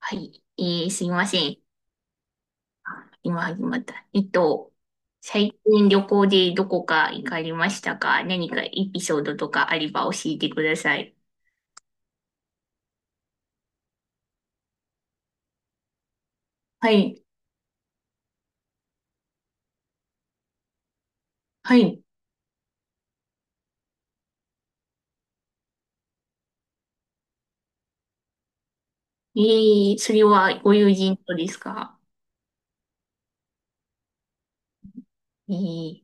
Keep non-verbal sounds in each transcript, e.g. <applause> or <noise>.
はい。すいません。あ、今始まった。最近旅行でどこか行かれましたか？何かエピソードとかあれば教えてください。はい。はい。それはご友人とですか？えー、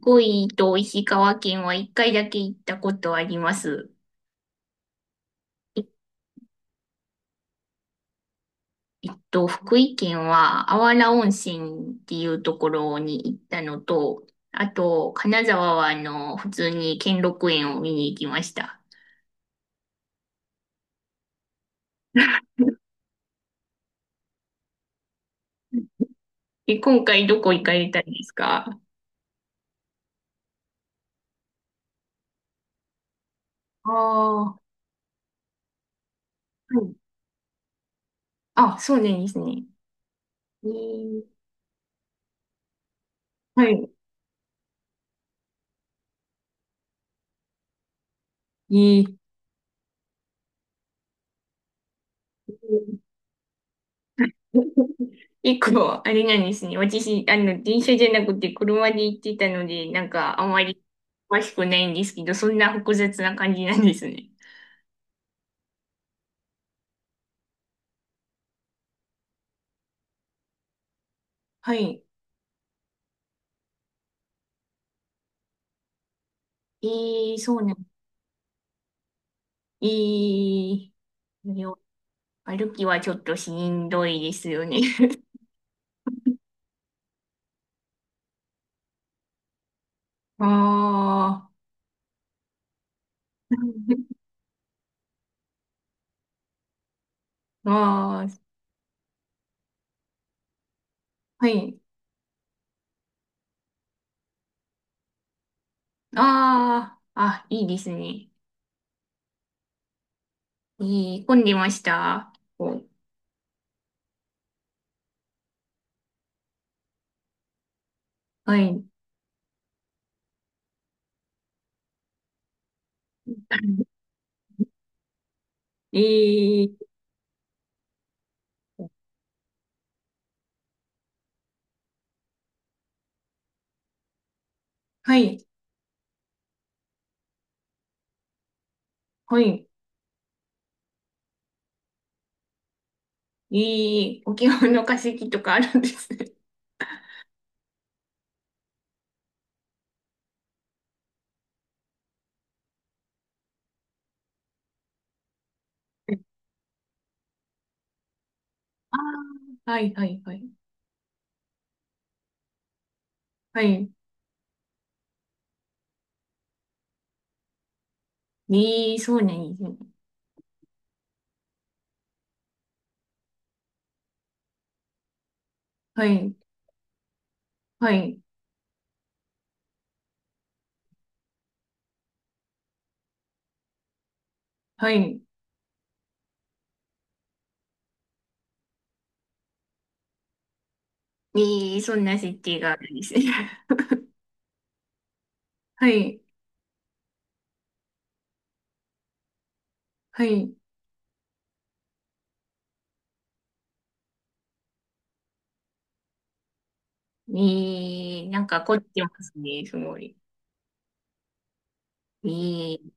福井と石川県は一回だけ行ったことあります。え福井県はあわら温泉っていうところに行ったのと、あと、金沢は普通に兼六園を見に行きました。<laughs> 今回どこ行かれたんですか？ああ、はい。あ、そうなんですね。えー。はい。いい。結構、あれなんですね。私、電車じゃなくて車で行ってたので、なんか、あまり詳しくないんですけど、そんな複雑な感じなんですね。はい。えそうなん。えー、歩きはちょっとしんどいですよね。<laughs> ああ、<laughs> ああ、はい。ああ、あ、いいですね。いい、混んでました？お。はい。<laughs> えー、はい、はい。え沖縄の化石とかあるんですね。<laughs> ああ、はい、はい、はい。はい。そうなんですね。はい、はい、はい。えそんな設定があるんですね。<laughs> はい、はい。なんか凝ってますね、すごい。えー、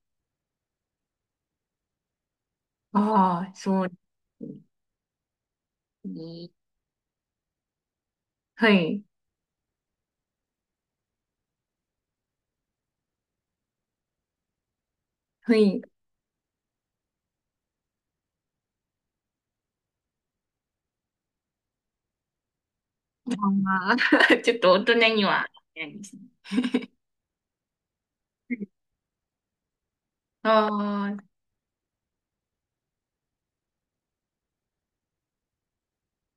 ああ、そうですね。えー、はい。はい。あ<laughs> ちょっと大人には、ないですね。ああ、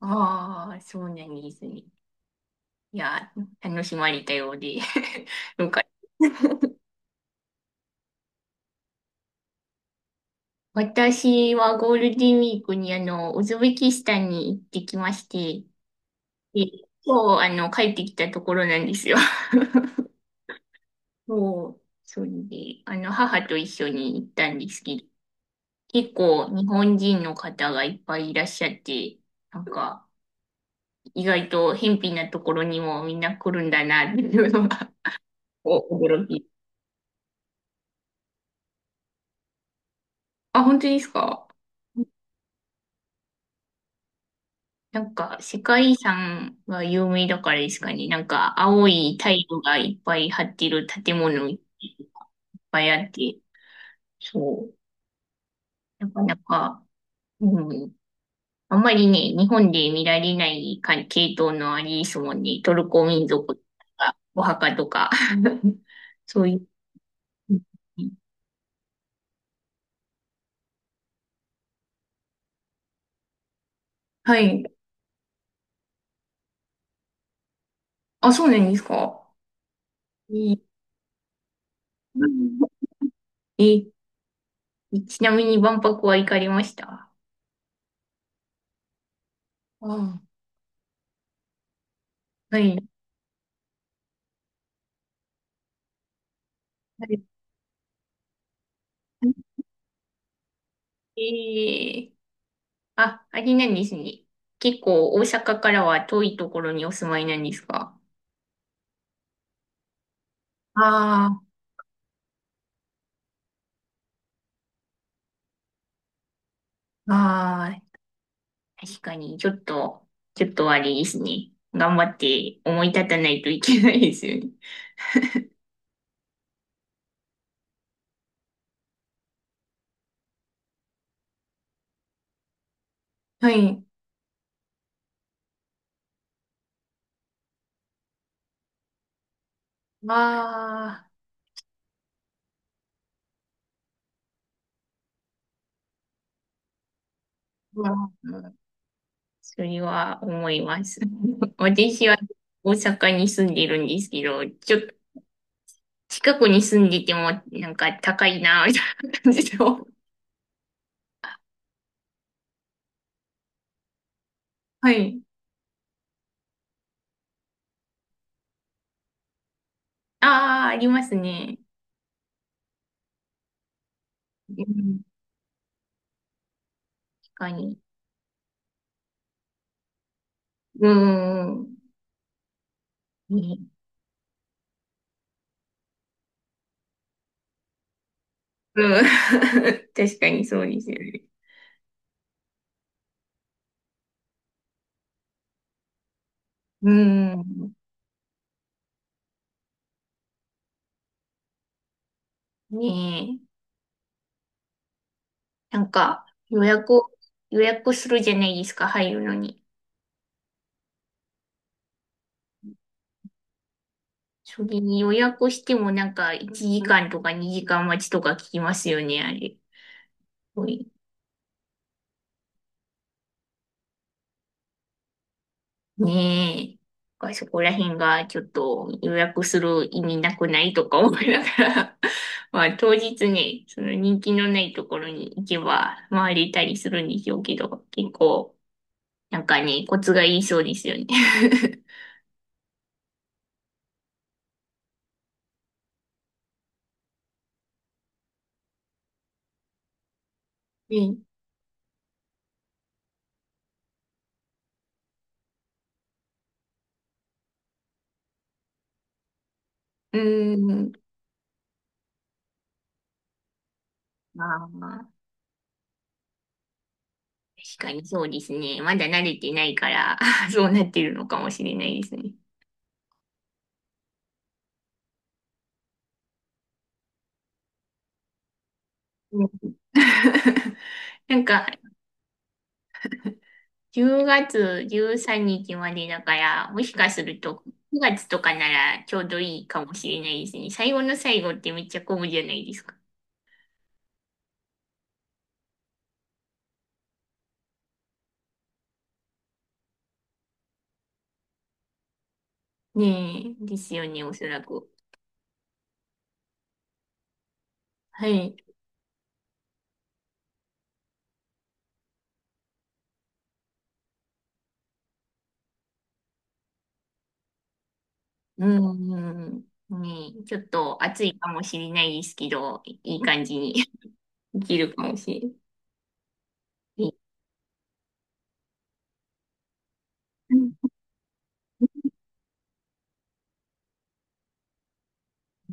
ああ、そうなんですね。いや、楽しまれたようで。<laughs> よかった。私はゴールデンウィークにウズベキスタンに行ってきまして、で、今日帰ってきたところなんですよ。<laughs> そう、それで、母と一緒に行ったんですけど、結構日本人の方がいっぱいいらっしゃって、なんか、意外と偏僻なところにもみんな来るんだなっていうのが、お驚き。あ、本当ですか？なんか、世界遺産が有名だからですかね。なんか、青いタイルがいっぱい張ってる建物いっぱいあって、そう。なかなか、うん。あんまりね、日本で見られないか系統のありですもんね。トルコ民族とか、お墓とか。<laughs> そういう。はい。あ、そうなんですか。えうん。 <laughs> え、ちなみに万博は行かれましたあ、はい。はい。えー、あ、あれなんですね。結構大阪からは遠いところにお住まいなんですか？ああ、ああ、確かに、ちょっと、ちょっとあれですね。頑張って思い立たないといけないですよね。はい。ああ、まあ、それは思います。<laughs> 私は大阪に住んでいるんですけど、ちょっ近くに住んでいても、なんか高いな、みたいな感じの。はい。ああ、ありますね。うん、確かに。うーん。ね、うん。<laughs> 確かにそうですよね。うーん。ねえ。なんか、予約するじゃないですか、入るのに。それに予約してもなんか1時間とか2時間待ちとか聞きますよね、あれ。ねえ。なんかそこら辺がちょっと予約する意味なくないとか思いながら。 <laughs> まあ当日ね、その人気のないところに行けば回れたりするんでしょうけど、結構なんかね、コツがいいそうですよね。<laughs> ね、うーん。まあまあ、確かにそうですね。まだ慣れてないから、 <laughs> そうなってるのかもしれないですね。うん。 <laughs> なんか、10月13日までだから、もしかすると9月とかならちょうどいいかもしれないですね。最後の最後ってめっちゃ混むじゃないですか。ねえ、ですよね、おそらく。はい。うん、うんうん。ねえ、ちょっと暑いかもしれないですけど、いい感じに <laughs> できるかもしれない。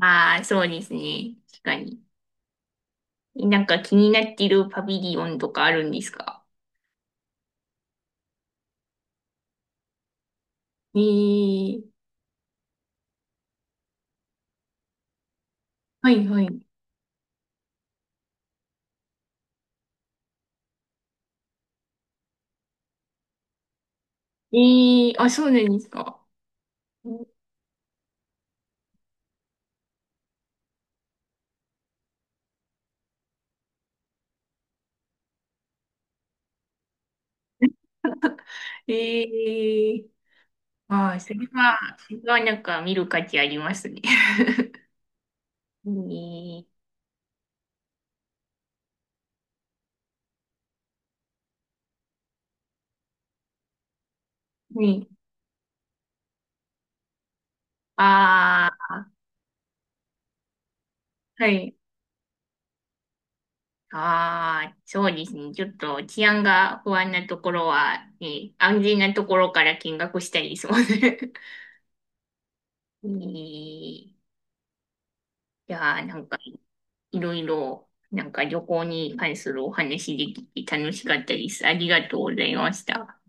ああー、そうですね。確かに。なんか気になってるパビリオンとかあるんですか？ええ。はいはい。ええ、あ、そうなんですか？ええ、ああ、それはなんか見る価値ありますね。<laughs> に、に、ああ、はい。ああ、そうですね。ちょっと治安が不安なところは、ね、安全なところから見学したりそうね。<laughs> に、いやなんか、いろいろ、なんか旅行に関するお話できて楽しかったです。ありがとうございました。